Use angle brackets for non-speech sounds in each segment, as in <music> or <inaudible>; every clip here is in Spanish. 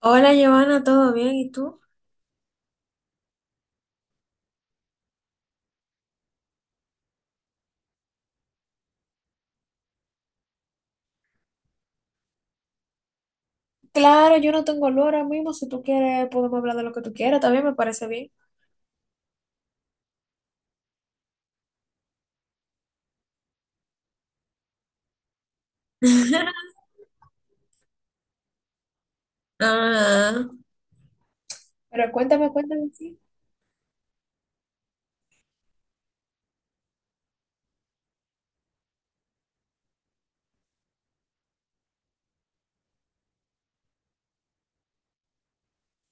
Hola Giovanna, ¿todo bien? ¿Y tú? Claro, yo no tengo olor ahora mismo. Si tú quieres, podemos hablar de lo que tú quieras. También me parece bien. <laughs> Ah, pero cuéntame, sí.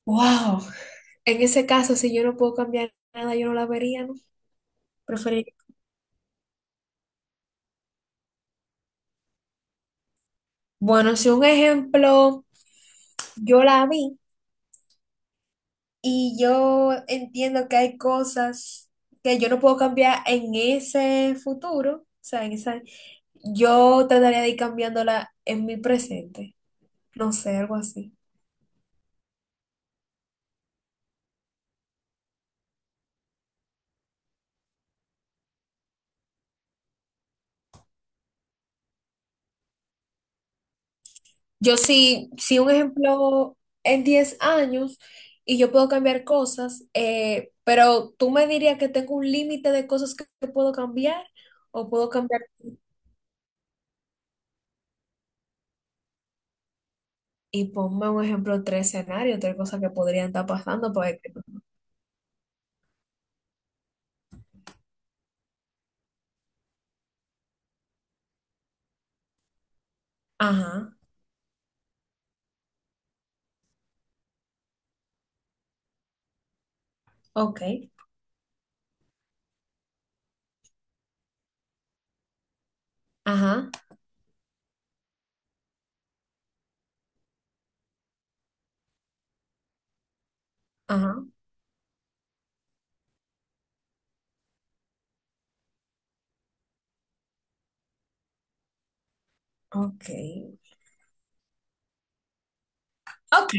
Wow. En ese caso, si yo no puedo cambiar nada, yo no la vería, ¿no? Preferir. Bueno, si un ejemplo, yo la vi y yo entiendo que hay cosas que yo no puedo cambiar en ese futuro, o sea, en esa, yo trataría de ir cambiándola en mi presente. No sé, algo así. Yo sí, sí, un ejemplo en 10 años y yo puedo cambiar cosas, pero tú me dirías que tengo un límite de cosas que puedo cambiar o puedo cambiar, y ponme un ejemplo, tres escenarios, tres cosas que podrían estar pasando. Pues, ajá, ok, ajá, ajá, ok, ok.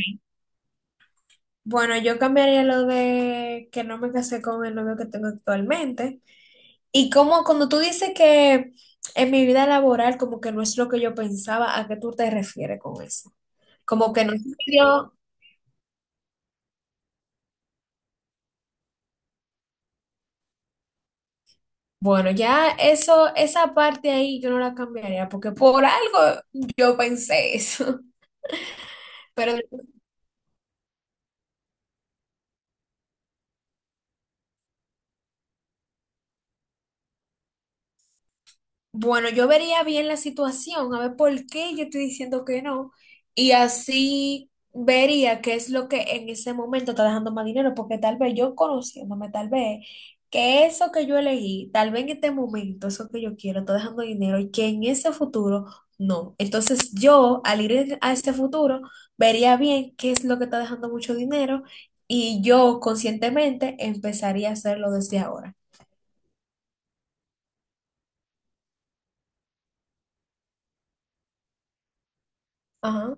Bueno, yo cambiaría lo de que no me casé con el novio que tengo actualmente. Y como cuando tú dices que en mi vida laboral como que no es lo que yo pensaba, ¿a qué tú te refieres con eso? Como que no se me dio, bueno, ya eso, esa parte ahí yo no la cambiaría porque por algo yo pensé eso. <laughs> Pero bueno, yo vería bien la situación, a ver por qué yo estoy diciendo que no, y así vería qué es lo que en ese momento está dejando más dinero, porque tal vez yo conociéndome, tal vez que eso que yo elegí, tal vez en este momento, eso que yo quiero, está dejando dinero y que en ese futuro no. Entonces yo, al ir en- a ese futuro, vería bien qué es lo que está dejando mucho dinero y yo conscientemente empezaría a hacerlo desde ahora. Ajá.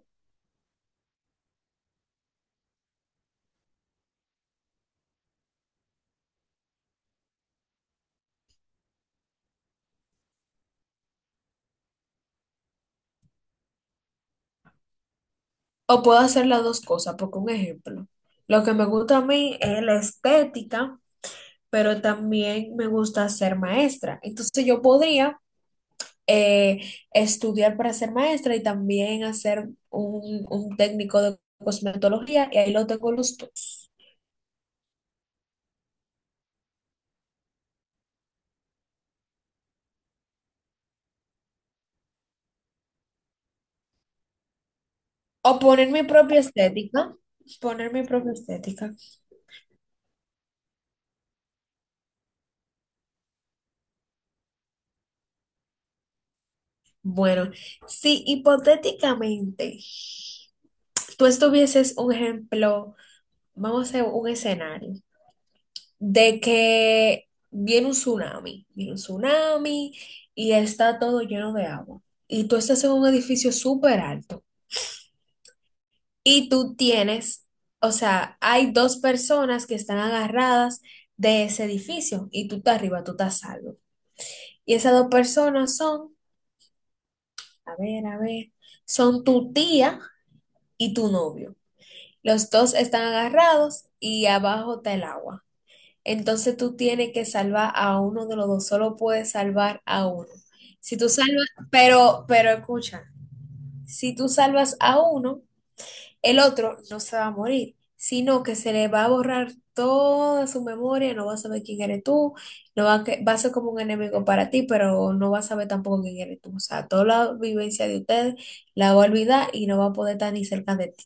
O puedo hacer las dos cosas, porque un ejemplo, lo que me gusta a mí es la estética, pero también me gusta ser maestra. Entonces yo podría eh, estudiar para ser maestra y también hacer un técnico de cosmetología y ahí lo tengo los dos. O poner mi propia estética. Poner mi propia estética. Bueno, si hipotéticamente tú estuvieses un ejemplo, vamos a hacer un escenario de que viene un tsunami y está todo lleno de agua. Y tú estás en un edificio súper alto y tú tienes, o sea, hay dos personas que están agarradas de ese edificio y tú estás arriba, tú estás salvo. Y esas dos personas son, a ver, son tu tía y tu novio. Los dos están agarrados y abajo está el agua. Entonces tú tienes que salvar a uno de los dos, solo puedes salvar a uno. Si tú salvas, pero escucha, si tú salvas a uno, el otro no se va a morir, sino que se le va a borrar toda su memoria, no va a saber quién eres tú, no va a, que- va a ser como un enemigo para ti, pero no va a saber tampoco quién eres tú. O sea, toda la vivencia de ustedes la va a olvidar y no va a poder estar ni cerca de ti.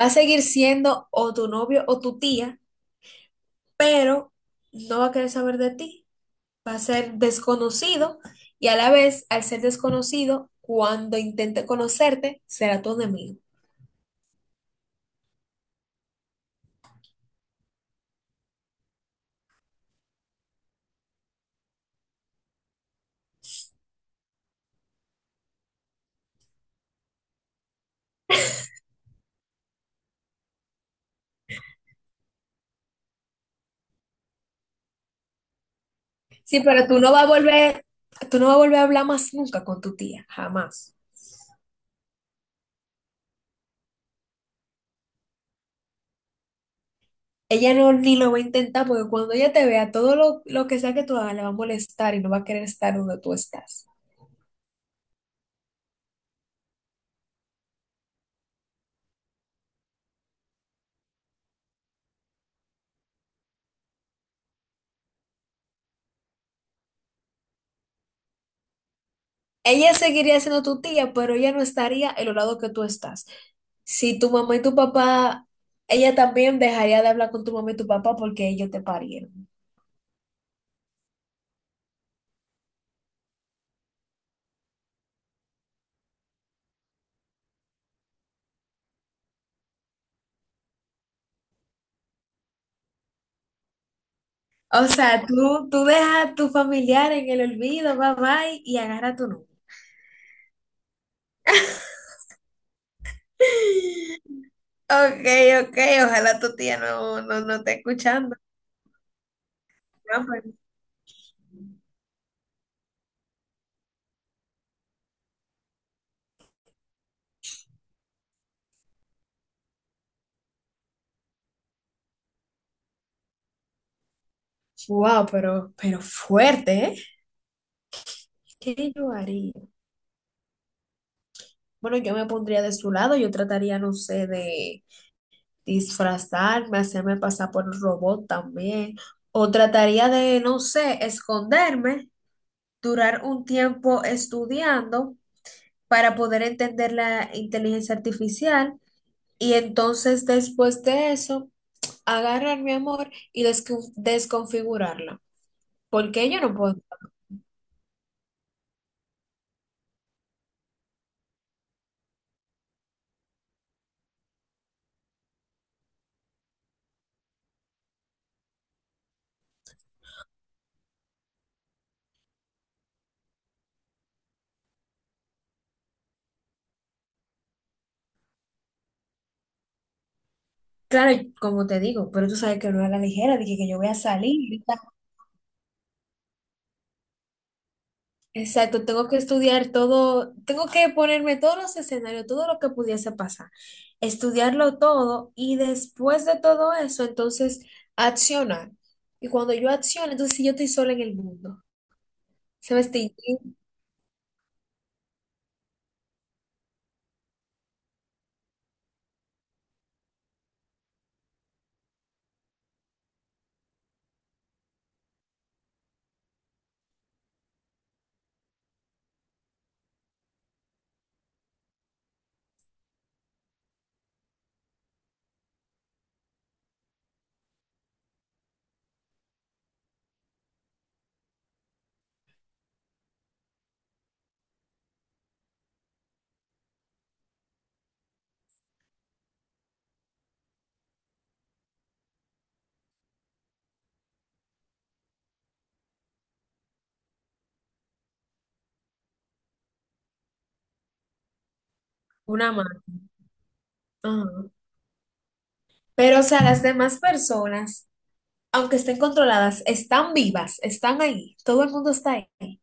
Va a seguir siendo o tu novio o tu tía, pero no va a querer saber de ti. Va a ser desconocido y a la vez, al ser desconocido, cuando intente conocerte, será tu enemigo. Sí, pero tú no vas a volver, tú no vas a volver a hablar más nunca con tu tía, jamás. Ella no ni lo va a intentar porque cuando ella te vea, todo lo que sea que tú hagas le va a molestar y no va a querer estar donde tú estás. Ella seguiría siendo tu tía, pero ella no estaría en los lados que tú estás. Si tu mamá y tu papá, ella también dejaría de hablar con tu mamá y tu papá porque ellos te parieron. O sea, tú dejas a tu familiar en el olvido, bye bye, y agarra tu número. <laughs> Ok, ok, ojalá tu tía no esté escuchando. Ah, pues, wow, pero fuerte, ¿eh? ¿Qué yo haría? Bueno, yo me pondría de su lado, yo trataría, no sé, de disfrazarme, hacerme pasar por un robot también, o trataría de, no sé, esconderme, durar un tiempo estudiando para poder entender la inteligencia artificial y entonces después de eso, agarrar mi amor y desconfigurarla, porque yo no puedo. Claro, como te digo, pero tú sabes que no es a la ligera, dije que yo voy a salir. Exacto, tengo que estudiar todo, tengo que ponerme todos los escenarios, todo lo que pudiese pasar, estudiarlo todo y después de todo eso, entonces accionar. Y cuando yo acciono, entonces sí, yo estoy sola en el mundo. Se me está yendo una mano. Ajá. Pero, o sea, las demás personas, aunque estén controladas, están vivas, están ahí, todo el mundo está ahí.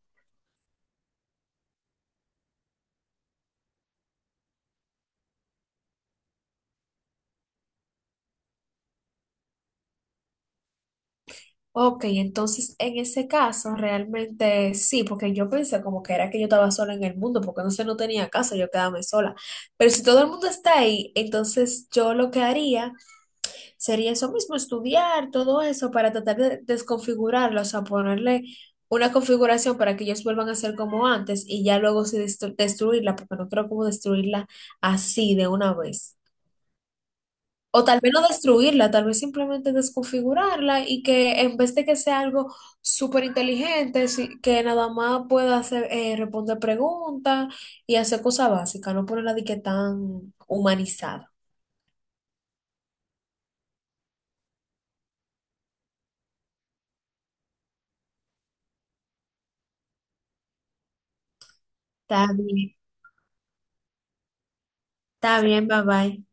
Ok, entonces en ese caso realmente sí, porque yo pensé como que era que yo estaba sola en el mundo, porque no sé, no tenía casa, yo quedarme sola. Pero si todo el mundo está ahí, entonces yo lo que haría sería eso mismo, estudiar todo eso para tratar de desconfigurarlo, o sea, ponerle una configuración para que ellos vuelvan a ser como antes y ya luego sí destruirla, porque no creo como destruirla así de una vez. O tal vez no destruirla, tal vez simplemente desconfigurarla y que en vez de que sea algo súper inteligente, sí- que nada más pueda hacer, responder preguntas y hacer cosas básicas, no ponerla de que tan humanizada. Está bien, está bien, bye bye.